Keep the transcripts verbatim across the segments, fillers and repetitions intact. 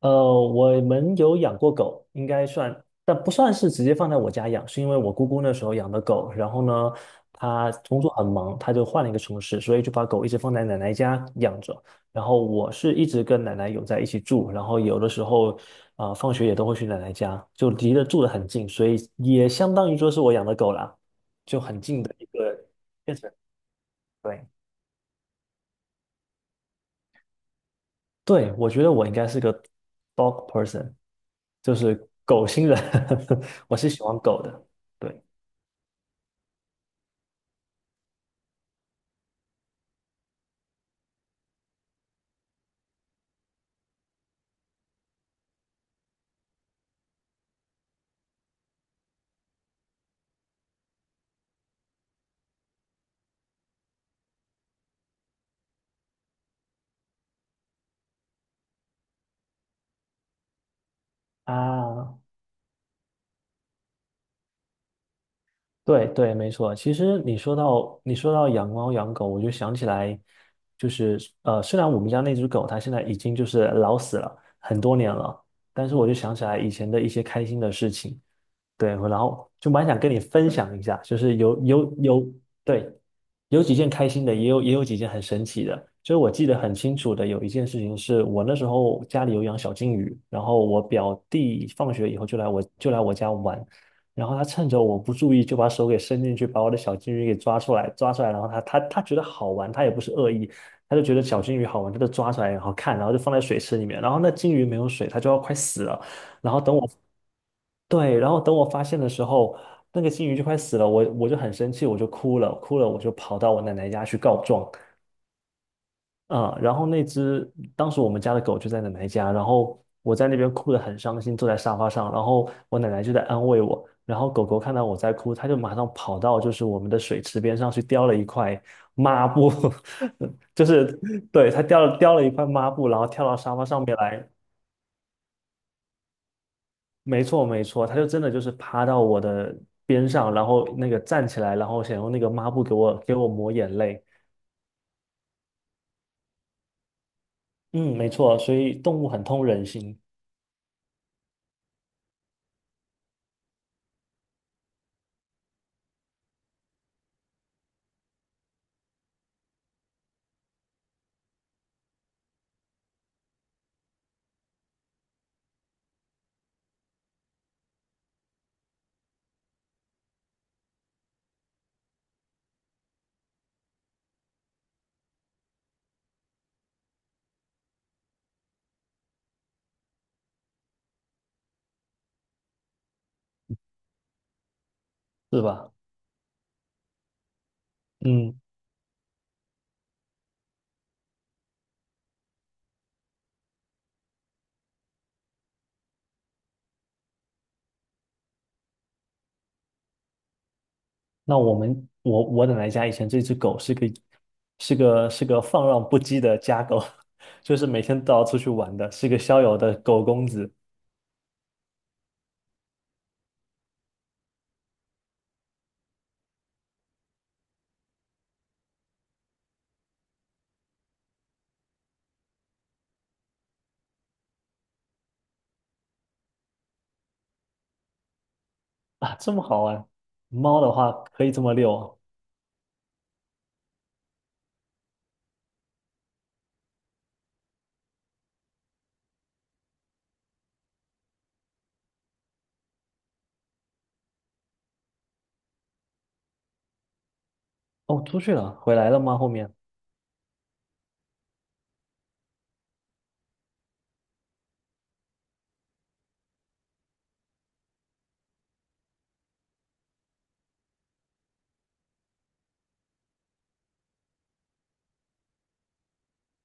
呃，我们有养过狗，应该算，但不算是直接放在我家养，是因为我姑姑那时候养的狗，然后呢，她工作很忙，她就换了一个城市，所以就把狗一直放在奶奶家养着。然后我是一直跟奶奶有在一起住，然后有的时候啊、呃放学也都会去奶奶家，就离得住得很近，所以也相当于说是我养的狗啦，就很这个变成对，对，我觉得我应该是个 dog person，就是狗星人。我是喜欢狗的。对啊，对对，没错。其实你说到你说到养猫养狗，我就想起来，就是呃，虽然我们家那只狗它现在已经就是老死了很多年了，但是我就想起来以前的一些开心的事情。对，然后就蛮想跟你分享一下，就是有有有对，有几件开心的，也有也有几件很神奇的。就是我记得很清楚的，有一件事情是我那时候家里有养小金鱼，然后我表弟放学以后就来我就来我家玩。然后他趁着我不注意，就把手给伸进去，把我的小金鱼给抓出来，抓出来，然后他他他觉得好玩，他也不是恶意，他就觉得小金鱼好玩，他就抓出来，然后看，然后就放在水池里面，然后那金鱼没有水，它就要快死了。然后等我，对，然后等我发现的时候，那个金鱼就快死了，我我就很生气，我就哭了，哭了，我就跑到我奶奶家去告状。嗯，然后那只当时我们家的狗就在奶奶家，然后我在那边哭得很伤心，坐在沙发上，然后我奶奶就在安慰我，然后狗狗看到我在哭，它就马上跑到就是我们的水池边上去叼了一块抹布。就是对，它叼了叼了一块抹布，然后跳到沙发上面来。没错，没错，它就真的就是趴到我的边上，然后那个站起来，然后想用那个抹布给我给我抹眼泪。嗯，没错，所以动物很通人性。是吧？嗯。那我们我我奶奶家以前这只狗是个是个是个放浪不羁的家狗。就是每天都要出去玩的，是个逍遥的狗公子。啊，这么好玩。猫的话可以这么遛啊。哦，出去了，回来了吗？后面？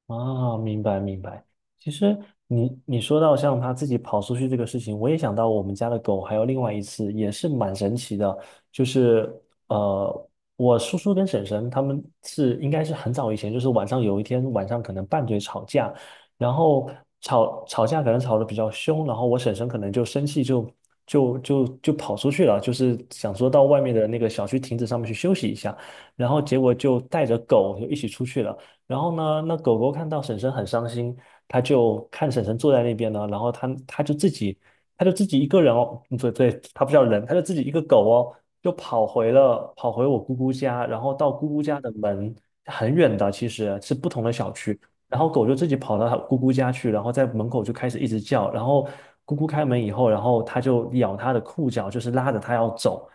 啊，明白明白。其实你你说到像它自己跑出去这个事情，我也想到我们家的狗，还有另外一次也是蛮神奇的。就是呃，我叔叔跟婶婶他们是应该是很早以前，就是晚上有一天晚上可能拌嘴吵架，然后吵吵架可能吵得比较凶，然后我婶婶可能就生气就就就就跑出去了，就是想说到外面的那个小区亭子上面去休息一下，然后结果就带着狗就一起出去了。然后呢，那狗狗看到婶婶很伤心，它就看婶婶坐在那边呢，然后它它就自己，它就自己一个人哦。嗯，对对，它不叫人，它就自己一个狗哦，就跑回了跑回我姑姑家，然后到姑姑家的门很远的，其实是不同的小区，然后狗就自己跑到它姑姑家去，然后在门口就开始一直叫，然后姑姑开门以后，然后它就咬它的裤脚，就是拉着它要走。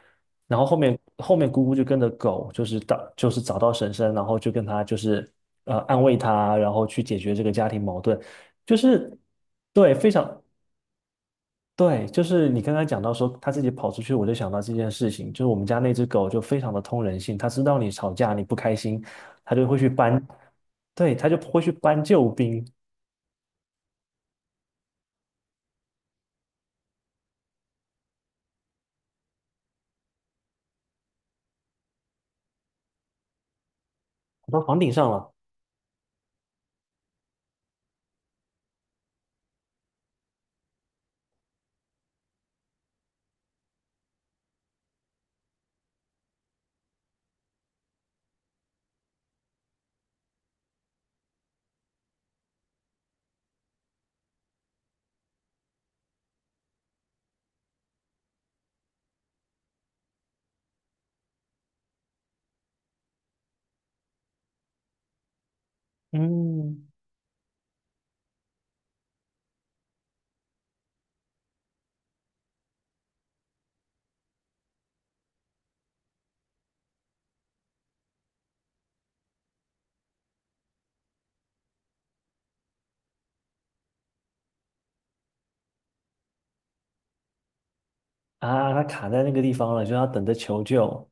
然后后面后面姑姑就跟着狗，就是到就是找到婶婶，然后就跟她就是呃安慰他啊，然后去解决这个家庭矛盾。就是对，非常对，就是你刚刚讲到说他自己跑出去，我就想到这件事情，就是我们家那只狗就非常的通人性，它知道你吵架你不开心，它就会去搬，对，它就会去搬救兵。跑到房顶上了。嗯，啊，它卡在那个地方了，就要等着求救。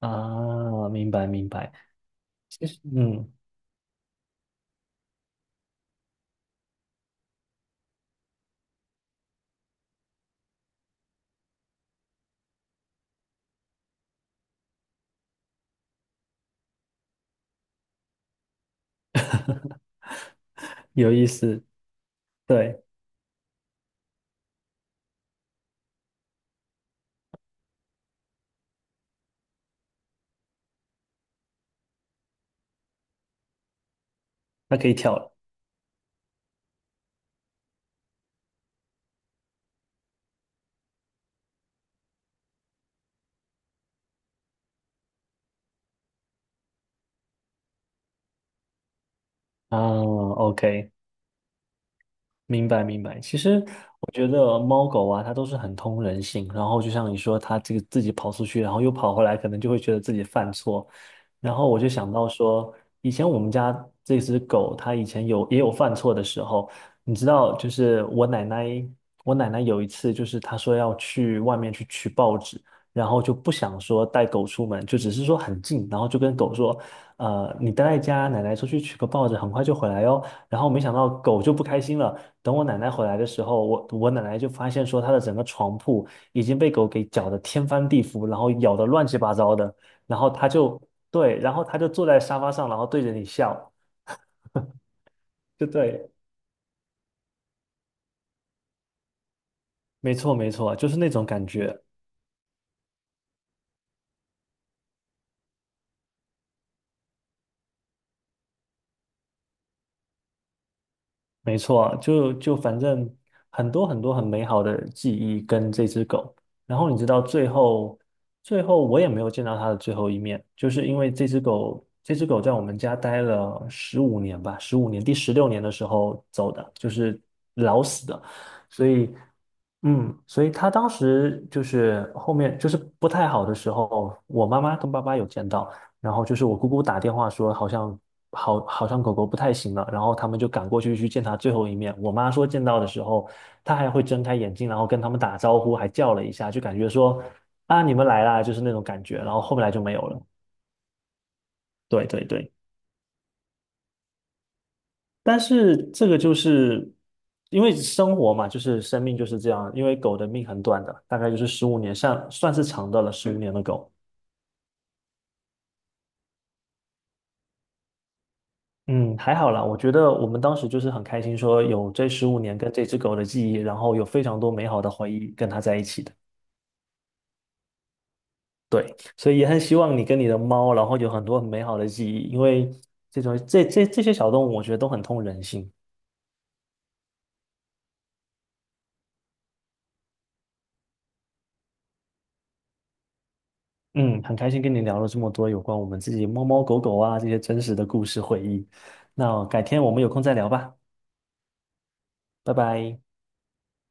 啊，明白明白。其实嗯，有意思。对，它可以跳了。啊，OK。明白明白。其实我觉得猫狗啊，它都是很通人性。然后就像你说，它这个自己跑出去，然后又跑回来，可能就会觉得自己犯错。然后我就想到说，以前我们家这只狗，它以前有也有犯错的时候。你知道，就是我奶奶，我奶奶，有一次就是她说要去外面去取报纸，然后就不想说带狗出门，就只是说很近，然后就跟狗说，呃，你待在家，奶奶出去取个报纸，很快就回来哦。然后没想到狗就不开心了。等我奶奶回来的时候，我我奶奶就发现说她的整个床铺已经被狗给搅得天翻地覆，然后咬得乱七八糟的。然后她就对，然后她就坐在沙发上，然后对着你笑。就对，没错没错，就是那种感觉。没错，就就反正很多很多很美好的记忆跟这只狗。然后你知道最后，最后我也没有见到它的最后一面，就是因为这只狗，这只狗在我们家待了十五年吧，十五年，第十六年的时候走的，就是老死的。所以嗯，所以他当时就是后面就是不太好的时候，我妈妈跟爸爸有见到，然后就是我姑姑打电话说好像好好像狗狗不太行了，然后他们就赶过去去见它最后一面。我妈说见到的时候，它还会睁开眼睛，然后跟他们打招呼，还叫了一下，就感觉说啊你们来啦，就是那种感觉。然后后面来就没有了。对对对。但是这个就是因为生活嘛，就是生命就是这样。因为狗的命很短的，大概就是十五年，算算是长的了。十五年的狗，嗯，还好啦。我觉得我们当时就是很开心，说有这十五年跟这只狗的记忆，然后有非常多美好的回忆跟它在一起的。对，所以也很希望你跟你的猫，然后有很多很美好的记忆，因为这种这这这些小动物，我觉得都很通人性。嗯，很开心跟你聊了这么多有关我们自己猫猫狗狗啊这些真实的故事回忆。那改天我们有空再聊吧，拜拜。